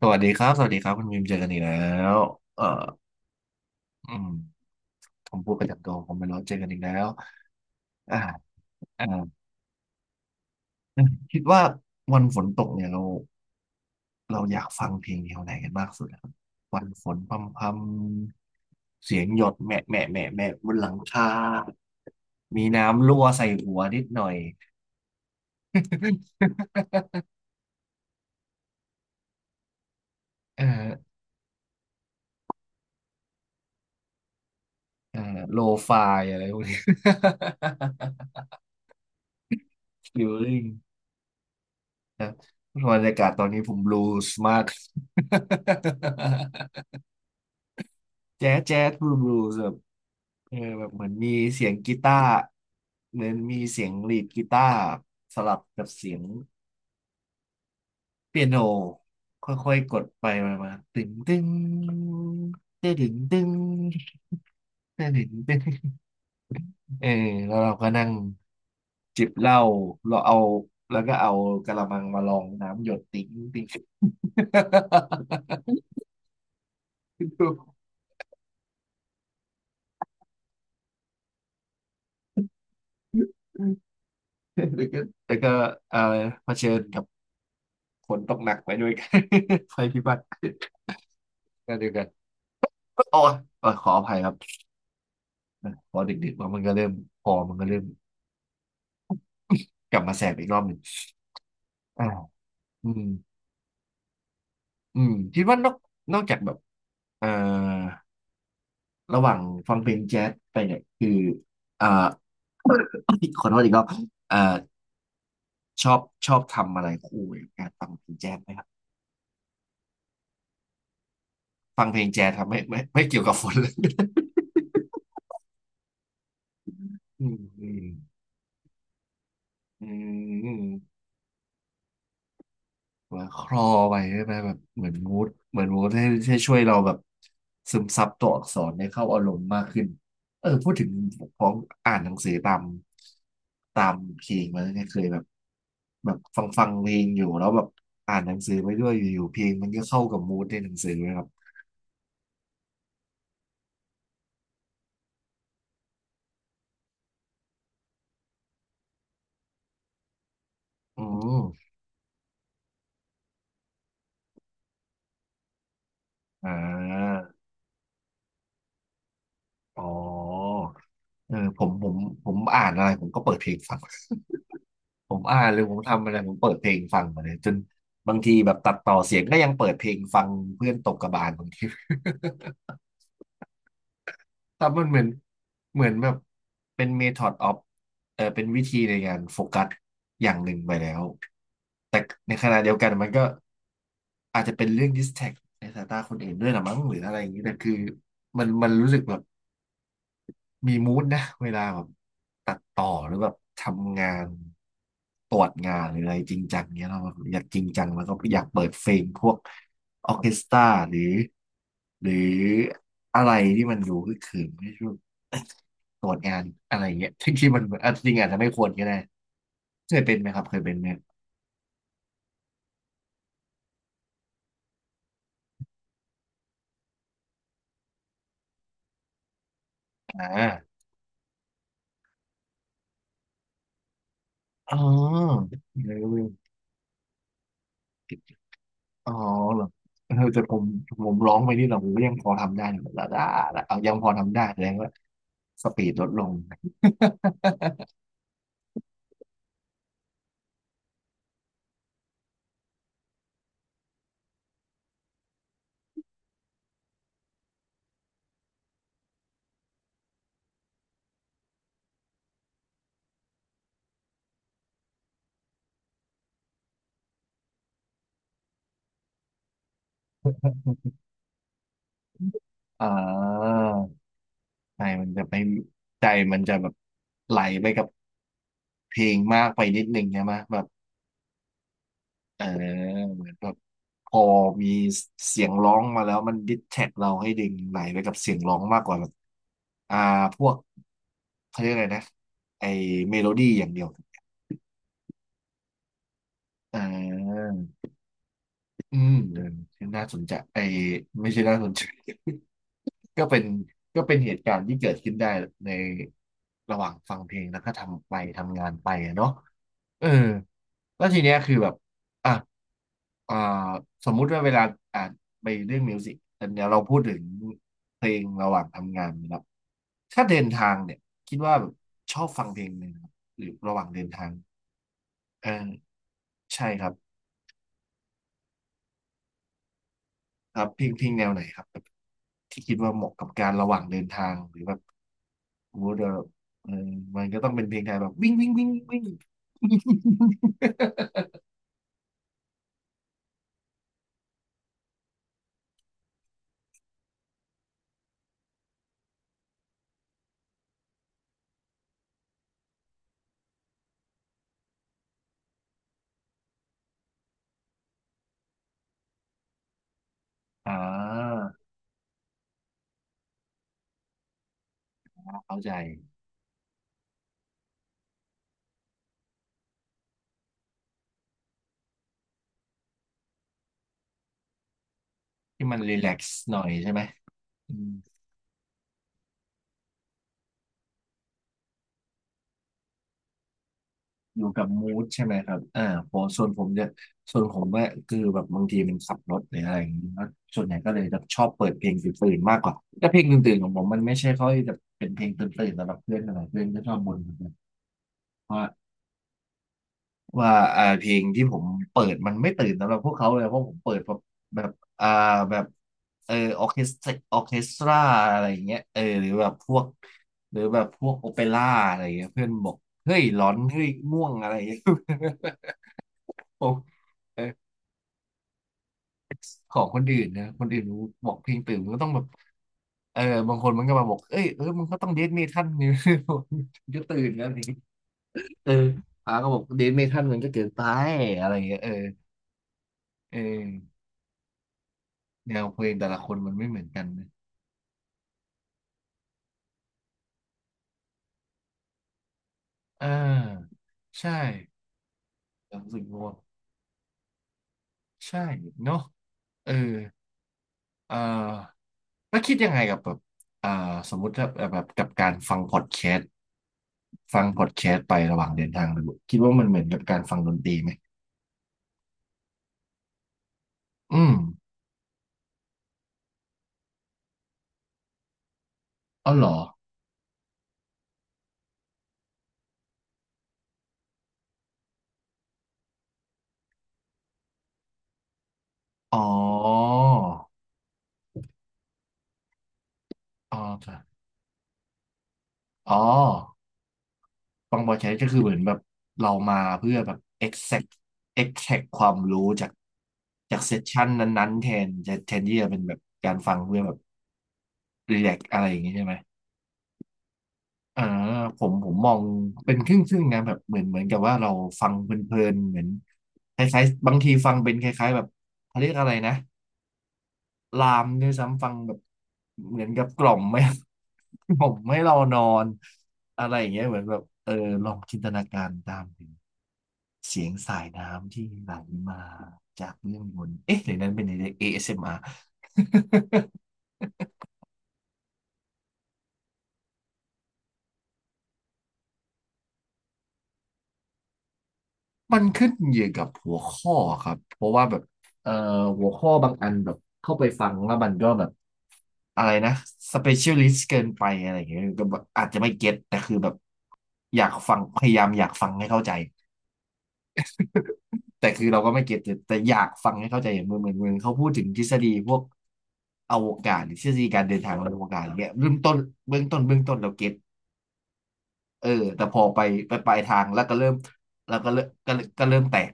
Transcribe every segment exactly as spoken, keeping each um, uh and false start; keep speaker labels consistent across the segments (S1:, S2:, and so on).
S1: สวัสดีครับสวัสดีครับคุณมิมเจอกันอีกแล้วเอ่ออืมผมพูดประจำตัวผมไม่รู้เจอกันอีกแล้วอ่าอ่าคิดว่าวันฝนตกเนี่ยเราเราอยากฟังเพลงแนวไหนกันมากสุดครับวันฝนพรำๆเสียงหยดแหม่แหม่แหม่แหม่บนหลังคามีน้ำรั่วใส่หัวนิดหน่อย เอ่อเอ่อโลฟายอะไรพวกนี้ ฟิลลิ่งนะบรรยากาศตอนนี้ผมบลูส์มาก แจ๊สแจ๊สบลูบลูแบบเออแบบเหมือนมีเสียงกีตาร์เหมือนมีเสียงลีดกีตาร์สลับกับเสียงเปียโนค่อยๆกดไปมามาตึงตึงเต้ดึงตึงเต้ดึงตึงเออแล้วเราก็นั่งจิบเหล้าเราเอาแล้วก็เอากะละมังมาลองน้ำหยดติ๊งติ๊ง ดูแต่ก็แต่ก็อะไรเผชิญกับ ฝนตกหนักไปด้วยกัน ไัพิบัติก็เดียวกันโอ้ยเออขออภัยครับ พอดึกๆมามันก็เริ่มพอมันก็เริ่มกลับมาแสบอีกรอบหนึ่งอ่าอืมอืมคิดว่านอกนอกจากแบบเอ่อระหว่างฟังเพลงแจ๊สไปเนี่ยคืออ่า ขอโทษอีกรอบเอ่อชอบชอบทำอะไรคู่กับการฟังเพลงแจ๊สไหมครับฟังเพลงแจ๊สทำไม่ไม่ไม่เกี่ยวกับฝนเลย อืมอืมอืม เหมือนคลอไปใช่ไหมแบบเหมือนมูดเหมือนมูดให้ให้ช่วยเราแบบซึมซับตัวอักษรให้เข้าอารมณ์มากขึ้นเออพูดถึงของอ่านหนังสือตามตามเพลงมาแล้วเนี่ยเคยแบบแบบฟังฟังเพลงอยู่แล้วแบบอ่านหนังสือไปด้วยอยู่ๆเพลงมันก็เข้ากับมูดในหนังสือเลยครับอืมอ่าอ๋อเออผมผมผมอ่านอะไรผมก็เปิดเพลงฟัง ผมอ่านหรือผมทำอะไรผมเปิดเพลงฟังมาเลยจนบางทีแบบตัดต่อเสียงก็ยังเปิดเพลงฟังเพื่อนตกกระบาลบางที แต่มันเหมือนเหมือนแบบเป็น method of เออเป็นวิธีในการโฟกัสอย่างหนึ่งไปแล้วแต่ในขณะเดียวกันมันก็อาจจะเป็นเรื่อง distract ในสายตาคนอื่นด้วยละมั้งหรืออะไรอย่างนี้แต่คือมันมันรู้สึกแบบ มีมูดนะเวลาแบบตัดต่อหรือแบบทำงานตรวจงานหรืออะไรจริงจังเนี้ยเราอยากจริงจังแล้วก็อยากเปิดเพลงพวกออร์เคสตราหรือหรืออะไรที่มันดูคึกคืนไม่ใช่วตรวจงานอะไรเงี้ยที่ที่มันอ่ะจริงอาจจะไม่ควรก็ได้เคยเป็นไหมครับเคยเป็นไหมอ่าอ๋อ อ๋อเหรอเออแต่ผมผมร้องไปนี่เราผมก็ยังพอทำได้อยู่ละละละเอายังพอทำได้แสดงว่าสปีดลดลง อ่าใจมันจะไปใจมันจะแบบไหลไปกับเพลงมากไปนิดนึงใช่ไหมแบบเออเหมือนแบบพอมีเสียงร้องมาแล้วมันดิสแท็กเราให้ดึงไหลไปกับเสียงร้องมากกว่าแบบอ่าพวกเขาเรียกอะไรนะไอเมโลดี้อย่างเดียวอ่า อืมเออน่าสนใจไอ้ไม่ใช่น่าสนใจ ก็เป็นก็เป็นเหตุการณ์ที่เกิดขึ้นได้ในระหว่างฟังเพลงแล้วก็ทำไปทำงานไปอะเนาะเออแล้วทีเนี้ยคือแบบอ่ะอ่าสมมุติว่าเวลาอ่านไปเรื่องมิวสิกแต่เนี้ยเราพูดถึงเพลงระหว่างทำงานนะครับถ้าเดินทางเนี่ยคิดว่าแบบชอบฟังเพลงไหมครับหรือระหว่างเดินทางเออใช่ครับครับเพลงเพลงแนวไหนครับ ที่คิดว่าเหมาะกับการระหว่างเดินทางหรือแบบมมดยว่าเออมันก็ต้องเป็นเพลงไทยแบบวิ่งวิ่งวิ่งวิ่ง อ่าเข้าใจที่มันรีแลกซ์หน่อยใช่ไหมอืมอยู่กับมูดใช่ไหมครับอ่าผมส่วนผมเนี่ยส่วนผมว่าคือแบบบางทีมันขับรถหรืออะไรอย่างนี้แล้วส่วนใหญ่ก็เลยจะชอบเปิดเพลงตื่นๆมากกว่าแต่เพลงตื่นๆของผมมันไม่ใช่ค่อยจะเป็นเพลงตื่นๆสำหรับเพื่อนอะไรเพื่อนก็ชอบบ่นเหมือนกันว่า ว่าอ่าเพลงที่ผมเปิดมันไม่ตื่นสำหรับพวกเขาเลยเพราะผมเปิดแบบแบบอ่าแบบเออออเคสตราออเคสตราอะไรอย่างเงี้ยเออหรือแบบพวกหรือแบบพวกโอเปร่าอะไรอย่างเงี้ยเพื่อนบอกเฮ้ยร้อนเฮ้ยม่วงอะไรอย่างเงี้ย ผมเออของคนอื่นนะคนอื่นบอกเพลงตื่นมันก็ต้องแบบเออบางคนมันก็มาบอกเอ้ยเออมันก็ต้องเดทเมทัลนี่ มัก็ตื่นแล้วนี่เอออาก็บอกเดทเมทัลมันก็เกินไปอะไรอย่างเงี้ยเออเออ แนวเพลงแต่ละคนมันไม่เหมือนกันนะอ่าใช่รู้สึกว่าใช่เนาะเออเอ่อแล้วคิดยังไงกับแบบอ่าสมมุติถ้าแบบกับการฟังพอดแคสต์ฟังพอดแคสต์ไประหว่างเดินทางไปบุคิดว่ามันเหมือนกับการฟังดนตรีไหมอืมอ๋อเหรออ๋ออ๋อจ้ะอ๋อ ฟังพอดแคสต์ก็คือเหมือนแบบเรามาเพื่อแบบ exact exact ความรู้จากจากเซสชันนั้นๆแทนจะแทนที่จะเป็นแบบการฟังเพื่อแบบรี l a กอะไรอย่างงี้ใช่ไหมอ่าผมผมมองเป็นครึ่งๆนะแบบเหมือนเหมือนกับว่าเราฟังเพลินๆเหมือนคล้ายๆบางทีฟังเป็นคล้ายๆแบบเขาเรียกอะไรนะ ลามด้วยซ้ำฟังแบบเหมือนกับกล่อมไม่ กล่อมไม่เรานอนอะไรอย่างเงี้ยเหมือนแบบเออลองจินตนาการตามถึงเสียงสายน้ำที่ไหลมาจากเรื่องบนเอ๊ะหรือนั้นเป็นใน เอ เอส เอ็ม อาร์ มอาร์ มันขึ้นอยู่กับหัวข้อครับเพราะว่าแบบเอ่อหัวข้อบางอันแบบเข้าไปฟังแล้วมันก็แบบอะไรนะสเปเชียลิสต์เกินไปอะไรอย่างเงี้ยก็แบบอาจจะไม่เก็ตแต่คือแบบอยากฟังพยายามอยากฟังให้เข้าใจ แต่คือเราก็ไม่เก็ตแต่แต่อยากฟังให้เข้าใจอย่างเหมือนเหมือนเหมือนเขาพูดถึงทฤษฎีพวกอวกาศหรือทฤษฎีการเดินทางบนอวกาศอย่างเงี้ยเริ่มต้นเบื้องต้นเบื้องต้นเราเก็ตเออแต่พอไปไปปลายทางแล้วก็เริ่มแล้วก็เริ่มก็เก็เริ่มแตก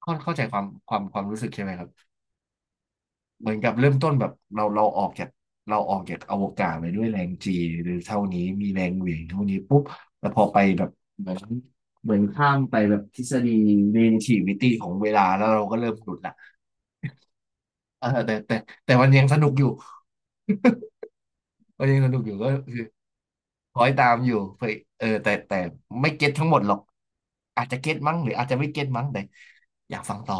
S1: เข้าเข้าใจความความความรู้สึกใช่ไหมครับเหมือนกับเริ่มต้นแบบเราเราออกจากเราออกจากอวกาศไปด้วยแรงจีหรือเท่านี้มีแรงเหวี่ยงเท่านี้ปุ๊บแต่พอไปแบบเหมือนเหมือนข้ามไปแบบทฤษฎี relativity ของเวลาแล้วเราก็เริ่มหลุดละ เออแต่แต่แต่มันยังสนุกอยู่มันยังสนุกอยู่ก็คือคอยตามอยู่เพื่อเออแต่แต่ไม่เก็ตทั้งหมดหรอกอาจจะเก็ตมั้งหรืออาจจะไม่เก็ตมั้งแต่อยากฟังต่อ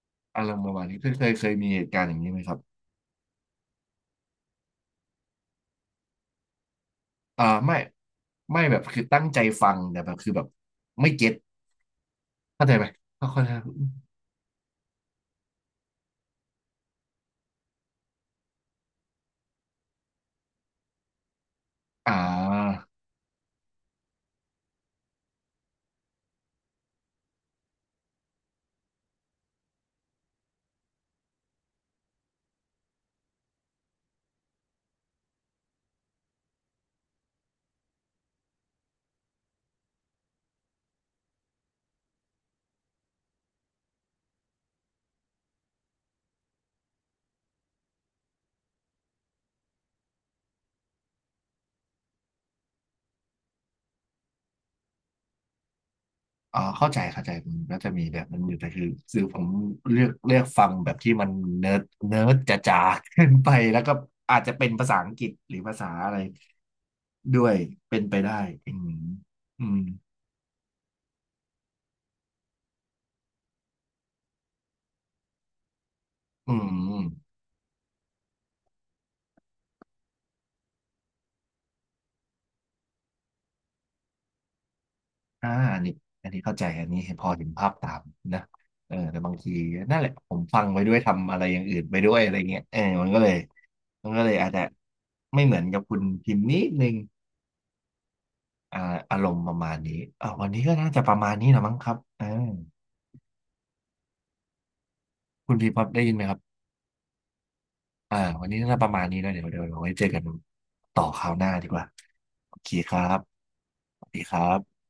S1: อารมณ์ประมาณนี้เคยเคยเคยมีเหตุการณ์อย่างนี้ไหมครับอ่าไม่ไม่แบบคือตั้งใจฟังแต่แบบคือแบบไม่เก็ตเข้าใจไหมเข้าใจอ่า อ่าเข้าใจเข้าใจมันก็จะมีแบบนั้นอยู่แต่คือคือผมเลือกเลือกฟังแบบที่มันเนิร์ดเนิร์ดจ๋าๆขึ้นไปแล้วก็อาจจะเป็นภาษาอังกฤษหรือภาษาอะไรด้วยเป็นไปได้อืมอืมอืมอมอ่าอันนี้อันนี้เข้าใจอันนี้พอเห็นภาพตามนะเออแต่บางทีนั่นแหละผมฟังไปด้วยทำอะไรอย่างอื่นไปด้วยอะไรเงี้ยเออมันก็เลยมันก็เลยอาจจะไม่เหมือนกับคุณพิมพ์นิดนึงอ่าอารมณ์ประมาณนี้อ่าวันนี้ก็น่าจะประมาณนี้แหละมั้งครับเอ่า คุณพีพอได้ยินไหมครับอ่าวันนี้น่าจะประมาณนี้นะเดี๋ยวเดี๋ยวเดี๋ยวไว้เจอกันต่อคราวหน้าดีกว่าโอเคครับสวัสดีครับ